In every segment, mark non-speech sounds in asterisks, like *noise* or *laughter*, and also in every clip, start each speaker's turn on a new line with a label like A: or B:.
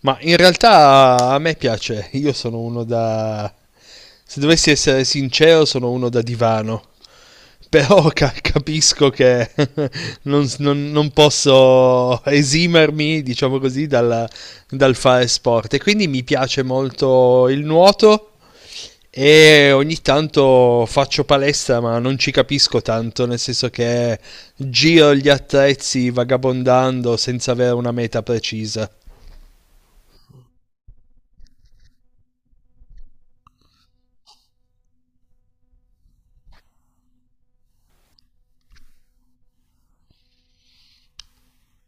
A: Ma in realtà a me piace, io sono uno da... Se dovessi essere sincero, sono uno da divano. *laughs* Però capisco che *laughs* non posso esimermi, diciamo così, dal fare sport. E quindi mi piace molto il nuoto e ogni tanto faccio palestra, ma non ci capisco tanto, nel senso che giro gli attrezzi vagabondando senza avere una meta precisa.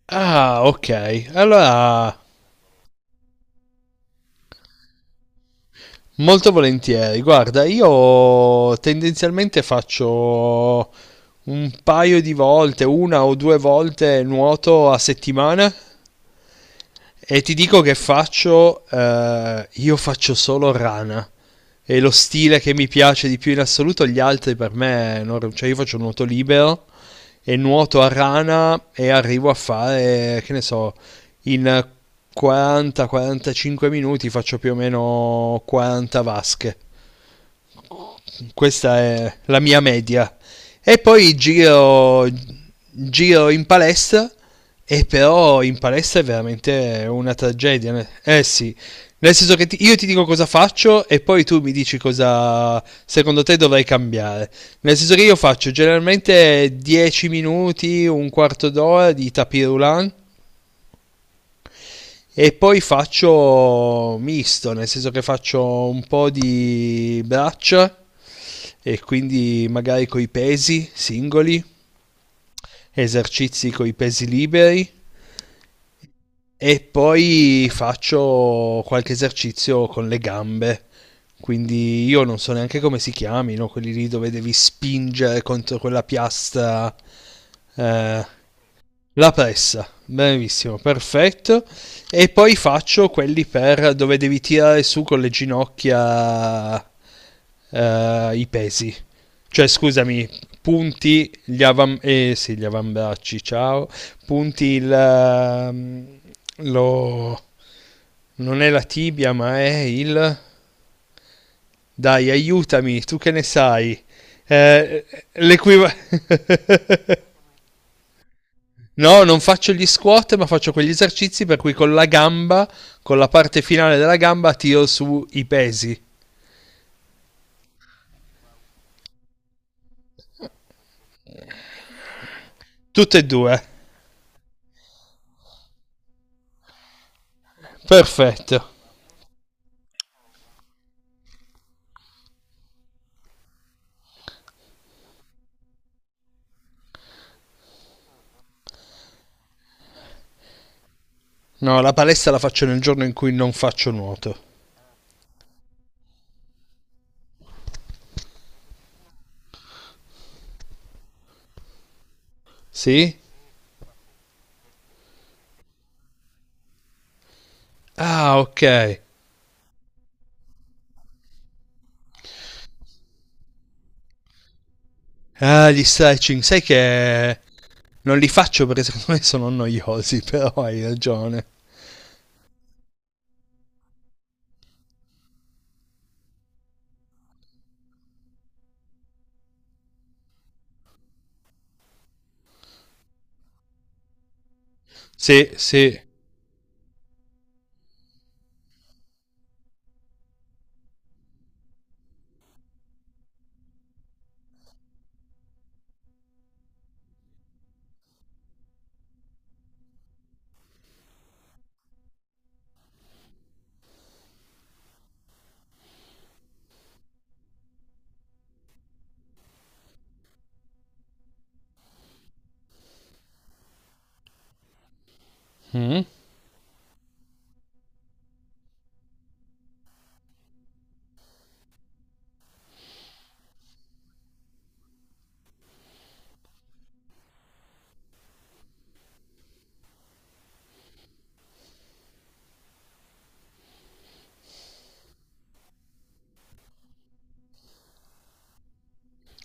A: Ah, ok. Allora, molto volentieri. Guarda, io tendenzialmente faccio un paio di volte, una o due volte nuoto a settimana e ti dico che faccio, io faccio solo rana. È lo stile che mi piace di più in assoluto, gli altri per me, cioè io faccio nuoto libero e nuoto a rana e arrivo a fare, che ne so, in 40-45 minuti faccio più o meno 40 vasche. Questa è la mia media. E poi giro, giro in palestra e però in palestra è veramente una tragedia. Eh sì, nel senso che io ti dico cosa faccio e poi tu mi dici cosa secondo te dovrei cambiare. Nel senso che io faccio generalmente 10 minuti, un quarto d'ora di tapis roulant e poi faccio misto, nel senso che faccio un po' di braccia e quindi magari coi pesi singoli, esercizi coi pesi liberi e poi faccio qualche esercizio con le gambe. Quindi io non so neanche come si chiamino, quelli lì dove devi spingere contro quella piastra eh, La pressa, benissimo, perfetto. E poi faccio quelli per dove devi tirare su con le ginocchia, i pesi. Cioè, scusami, sì, gli avambracci, ciao. Punti il... lo... Non è la tibia, ma è il... Dai, aiutami, tu che ne sai. Eh, l'equiva- No, non faccio gli squat, ma faccio quegli esercizi per cui con la gamba, con la parte finale della gamba, tiro su i pesi. Tutte e due. Perfetto. No, la palestra la faccio nel giorno in cui non faccio nuoto. Sì? Ah, ok. Ah, gli stretching, sai che non li faccio perché secondo me sono noiosi, *laughs* però hai ragione. Sì, sì. Mm,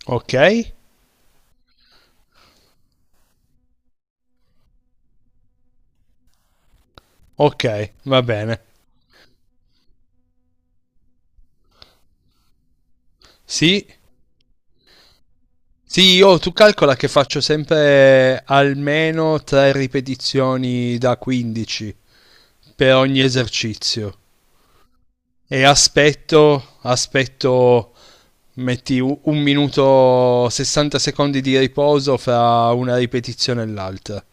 A: ok. Ok, va bene. Sì, sì, io tu calcola che faccio sempre almeno tre ripetizioni da 15 per ogni esercizio e aspetto, metti un minuto 60 secondi di riposo fra una ripetizione e l'altra.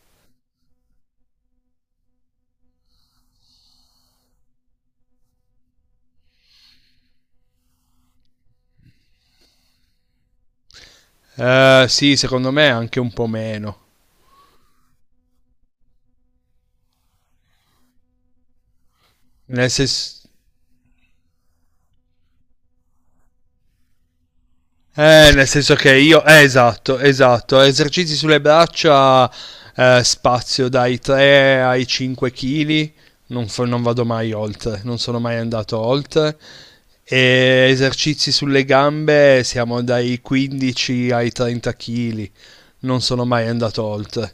A: Sì, secondo me anche un po' meno. Nel senso, nel senso che io, esatto, esercizi sulle braccia, spazio dai 3 ai 5 kg, non vado mai oltre, non sono mai andato oltre. E esercizi sulle gambe siamo dai 15 ai 30 kg, non sono mai andato oltre.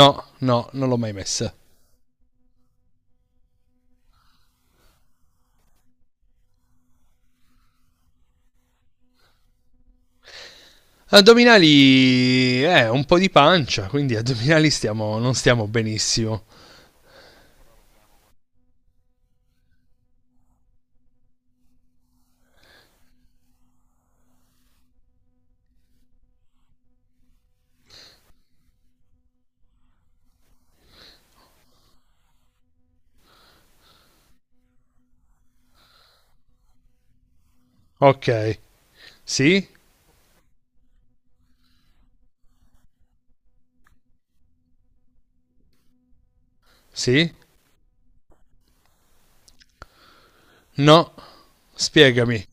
A: No, no, non l'ho mai messa. Addominali, un po' di pancia, quindi addominali stiamo, non stiamo benissimo. Ok, sì, sì. No. Spiegami.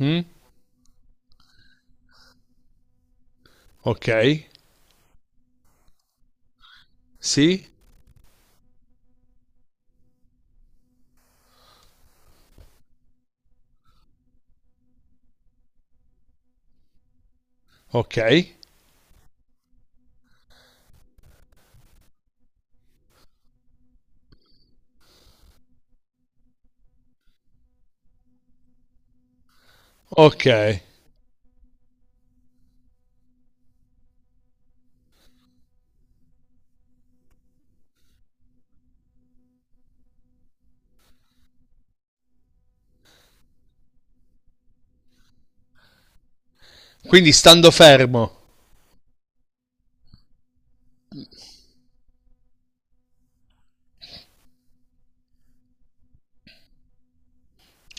A: Mm? Ok. Sì. Ok. Ok. Quindi stando fermo.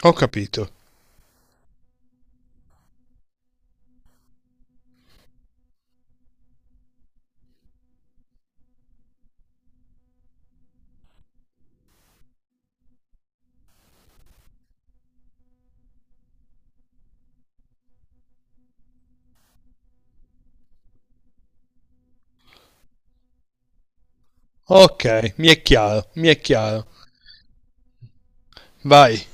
A: Ho capito. Ok, mi è chiaro, mi è chiaro. Vai.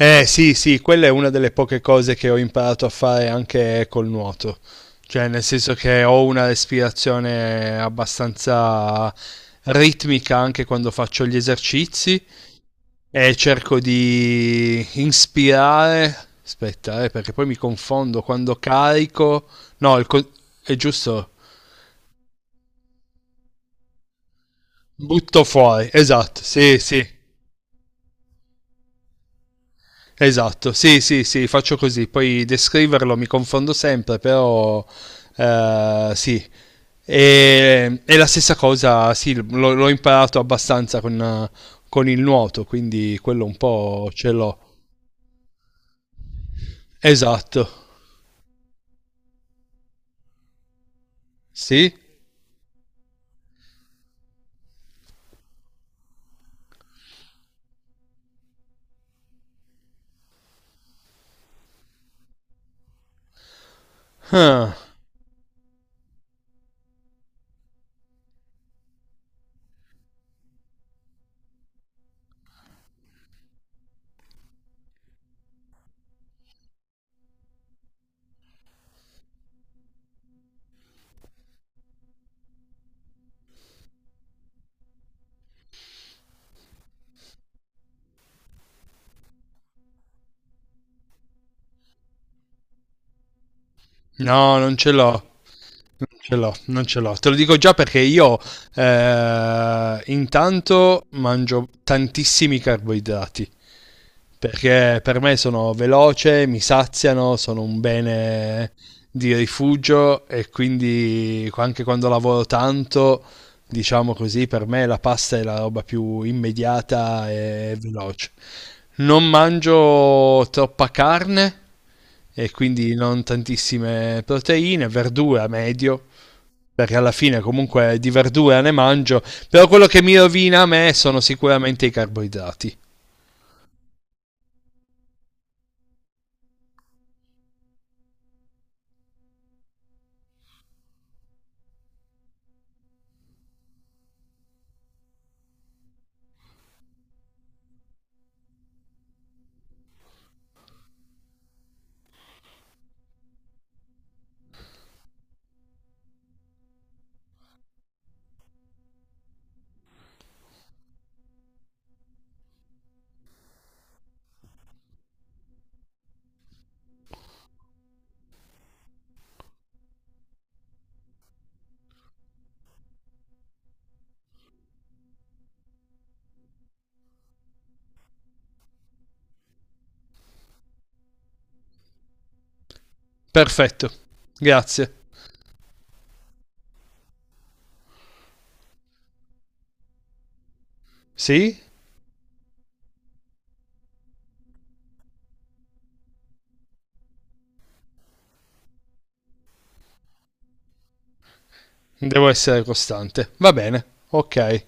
A: Eh sì, sì, quella è una delle poche cose che ho imparato a fare anche col nuoto. Cioè, nel senso che ho una respirazione abbastanza ritmica anche quando faccio gli esercizi e cerco di inspirare. Aspetta, perché poi mi confondo quando carico. No, è giusto. Butto fuori. Esatto, sì, sì. Esatto, sì, sì, sì, faccio così. Poi descriverlo mi confondo sempre, però sì. E la stessa cosa, sì, l'ho imparato abbastanza con il nuoto, quindi quello un po' ce l'ho. Esatto. Sì? Ah, no, non ce l'ho. Non ce l'ho, non ce l'ho. Te lo dico già perché io intanto mangio tantissimi carboidrati. Perché per me sono veloce, mi saziano, sono un bene di rifugio e quindi anche quando lavoro tanto, diciamo così, per me la pasta è la roba più immediata e veloce. Non mangio troppa carne e quindi non tantissime proteine, verdura medio perché alla fine comunque di verdura ne mangio, però quello che mi rovina a me sono sicuramente i carboidrati. Perfetto, grazie. Sì? Devo essere costante. Va bene, ok.